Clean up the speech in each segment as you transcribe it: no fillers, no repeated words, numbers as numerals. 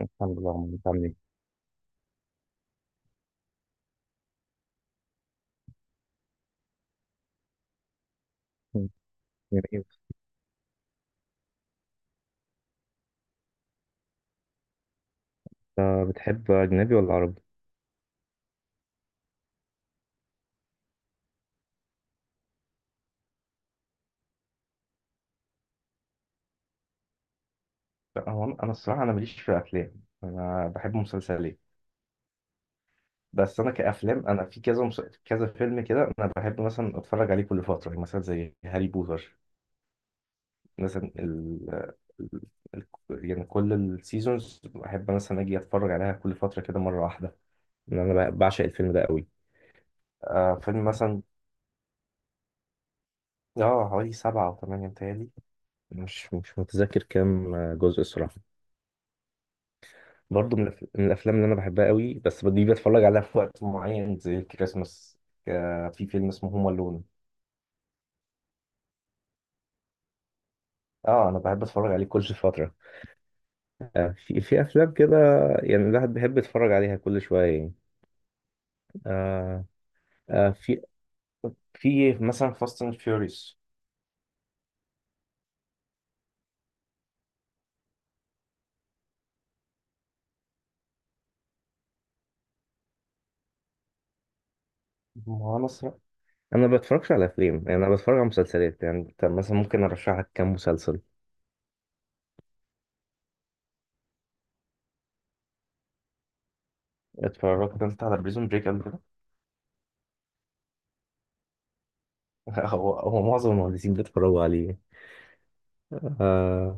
الحمد لله عمرو، انت عامل ايه؟ م- جميل. انت بتحب أجنبي ولا عربي؟ لا، هو انا الصراحه انا ماليش في الافلام، انا بحب مسلسلات. بس انا كافلام، انا في كذا فيلم كده انا بحب مثلا اتفرج عليه كل فتره، يعني مثلا زي هاري بوتر مثلا. ال... يعني كل السيزونز بحب مثلا اجي اتفرج عليها كل فتره كده مره واحده، إن أنا بعشق الفيلم ده قوي. آه، فيلم مثلا، اه، حوالي 7 أو 8 متهيألي. مش متذكر كام جزء الصراحة. برضو من الافلام اللي انا بحبها قوي، بس دي بتفرج عليها في وقت معين زي الكريسماس. في فيلم اسمه هوم الون. اه، انا بحب اتفرج عليه كل فتره. آه، في افلام كده يعني الواحد بيحب يتفرج عليها كل شويه يعني. آه آه في في مثلا فاست اند فيوريوس. ما انا صراحة- انا ما بتفرجش على افلام، يعني انا بتفرج على مسلسلات. يعني انت مثلا ممكن ارشح لك كام مسلسل. اتفرجت انت على بريزون بريك قبل كده؟ هو معظم المهندسين بيتفرجوا عليه. آه.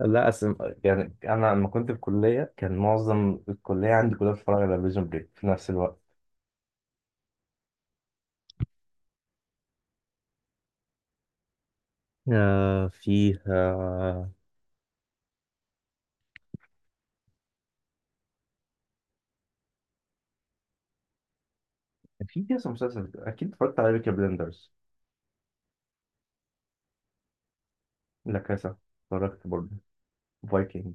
لا أسم... يعني انا لما كنت في الكليه كان معظم الكليه عندي كلها بتتفرج على بريزون بريك في نفس الوقت. آه فيها كان في كذا مسلسل. اكيد اتفرجت على بيكي بلندرز. لا كاسا اتفرجت برضه. فايكنج.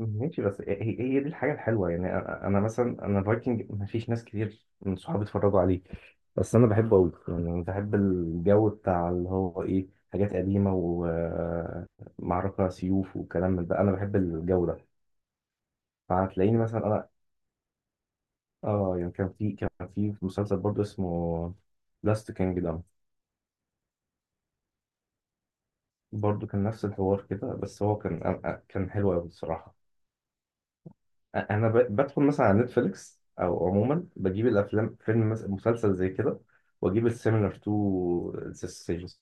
ماشي، بس هي دي الحاجه الحلوه. يعني انا مثلا، انا فايكنج ما فيش ناس كتير من صحابي اتفرجوا عليه، بس انا بحبه قوي. يعني انا بحب الجو بتاع اللي هو ايه، حاجات قديمه ومعركه سيوف وكلام من ده، انا بحب الجو ده. فهتلاقيني مثلا انا، اه، يعني كان في مسلسل برضه اسمه لاست كينجدم. برضه كان نفس الحوار كده، بس هو كان حلو قوي الصراحه. بدخل مثلا على نتفليكس او عموما بجيب الافلام، فيلم مثلا مسلسل زي كده، واجيب السيميلر تو ذا سيجنز،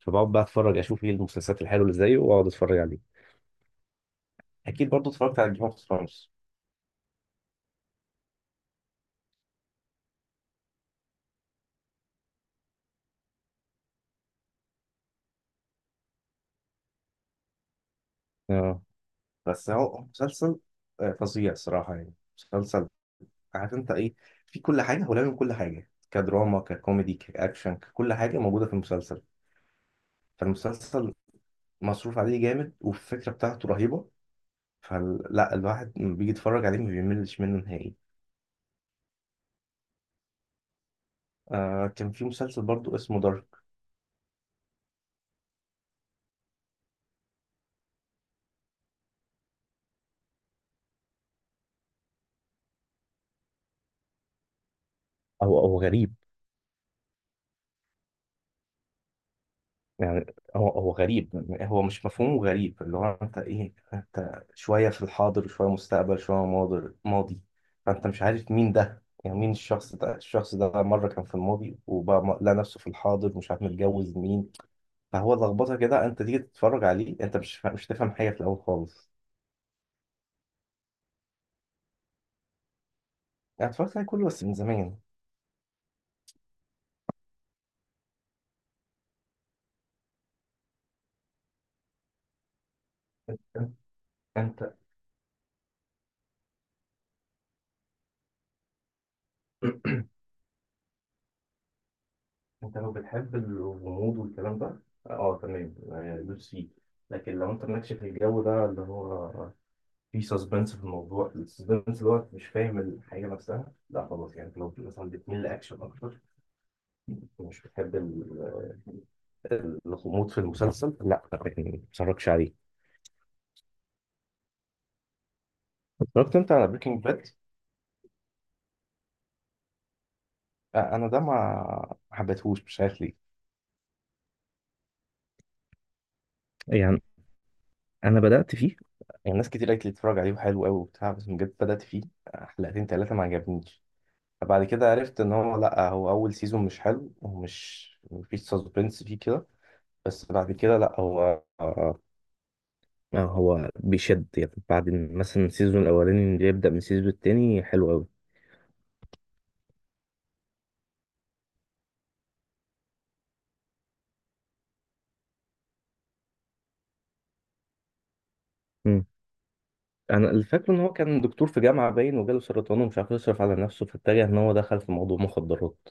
فبقعد بقى اتفرج اشوف ايه المسلسلات الحلوه اللي زيه واقعد اتفرج عليه. اكيد برضه اتفرجت على جيم اوف ثرونز. اه، بس هو مسلسل، آه، فظيع صراحه يعني. مسلسل، عارف انت ايه، في كل حاجه، هو لازم كل حاجه، كدراما ككوميدي كاكشن ككل حاجه موجوده في المسلسل. فالمسلسل مصروف عليه جامد، والفكره بتاعته رهيبه، فلا الواحد لما بيجي يتفرج عليه ما بيملش منه نهائي. آه، كان في مسلسل برضو اسمه دارك. هو غريب. يعني هو غريب، هو مش مفهومه، غريب اللي هو انت ايه، انت شوية في الحاضر شوية مستقبل شوية ماضي. فانت مش عارف مين ده، يعني مين الشخص ده، الشخص ده مرة كان في الماضي وبقى لقى نفسه في الحاضر، مش عارف متجوز مين. فهو لخبطة كده، انت تيجي تتفرج عليه، انت مش تفهم حاجة في الأول خالص. انا اتفرجت عليه كله بس من زمان. انت انت انت لو بتحب الغموض والكلام ده، اه تمام، آه، دوس فيه. لكن لو انت مالكش في الجو ده اللي هو في سسبنس في الموضوع، السسبنس دوت مش فاهم الحاجة نفسها، لا خلاص. يعني لو مثلا بتميل لأكشن أكتر، مش بتحب الغموض في المسلسل، لا ما تتفرجش عليه. اتفرجت أنت على بريكنج باد؟ أنا ده ما حبيتهوش، مش عارف ليه. يعني انا بدأت فيه، يعني ناس كتير قالت لي اتفرج عليه وحلو قوي وبتاع، بس بجد بدأت فيه حلقتين تلاتة ما عجبنيش. فبعد كده عرفت ان هو لا، هو اول سيزون مش حلو ومش مفيش سسبنس فيه كده، بس بعد كده لا، هو، آه، هو بيشد يعني. بعد مثلا السيزون الاولاني، اللي يبدا من السيزون التاني حلو قوي. مم. انا الفكره ان هو كان دكتور في جامعه باين وجاله سرطان ومش عارف يصرف على نفسه، فاتجه ان هو دخل في موضوع مخدرات.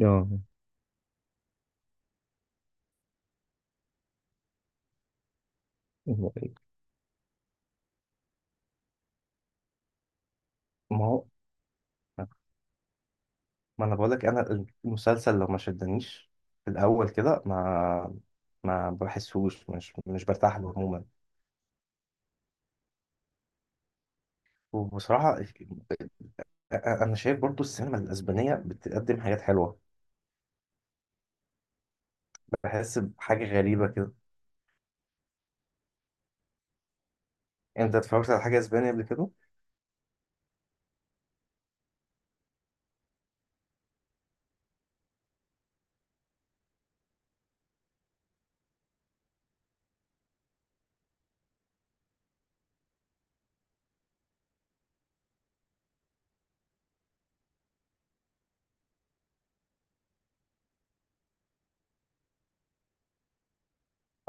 اه. ما هو ما انا بقول لك، انا المسلسل لو ما شدنيش في الاول كده ما بحسوش، مش برتاح له عموما. وبصراحه، انا شايف برضو السينما الاسبانيه بتقدم حاجات حلوه. بحس بحاجه غريبه كده. انت اتفرجت على حاجه اسبانيه قبل كده؟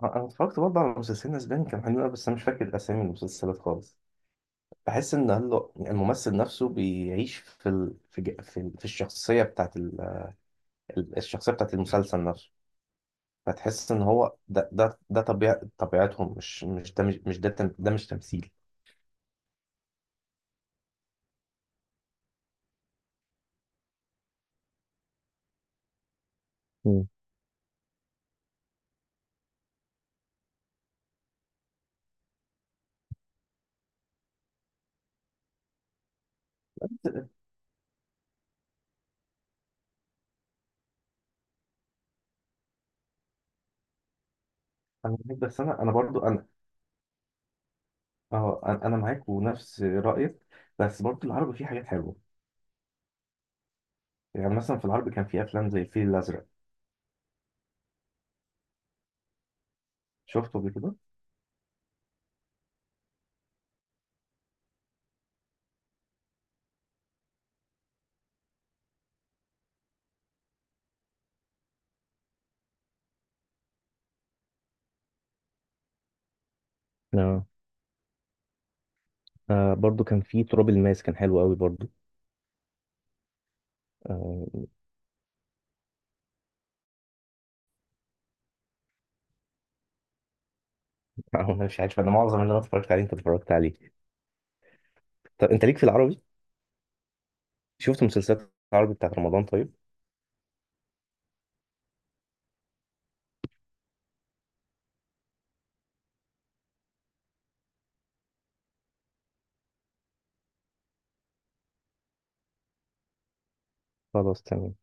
انا اتفرجت برضه على مسلسلين اسباني كان حلو أوي، بس انا مش فاكر اسامي المسلسلات خالص. بحس ان الممثل نفسه بيعيش في في في, في الشخصيه بتاعت الشخصيه بتاعت المسلسل نفسه. فتحس ان هو طبيعتهم، مش ده، مش ده، ده مش تمثيل. مم. انا معاك، بس انا انا برضو انا اه انا أنا معاك ونفس رايك. بس برضو العربي فيه حاجات حلوه. يعني مثلا في العربي كان في افلام زي الفيل الازرق، شفته قبل كده؟ آه. آه، برضو كان في تراب الماس، كان حلو قوي برضو. آه. انا مش عارف، انا معظم اللي انا اتفرجت عليه انت اتفرجت عليه. طب انت ليك في العربي؟ شفت مسلسلات العربي بتاعت رمضان؟ طيب، خلاص تمام.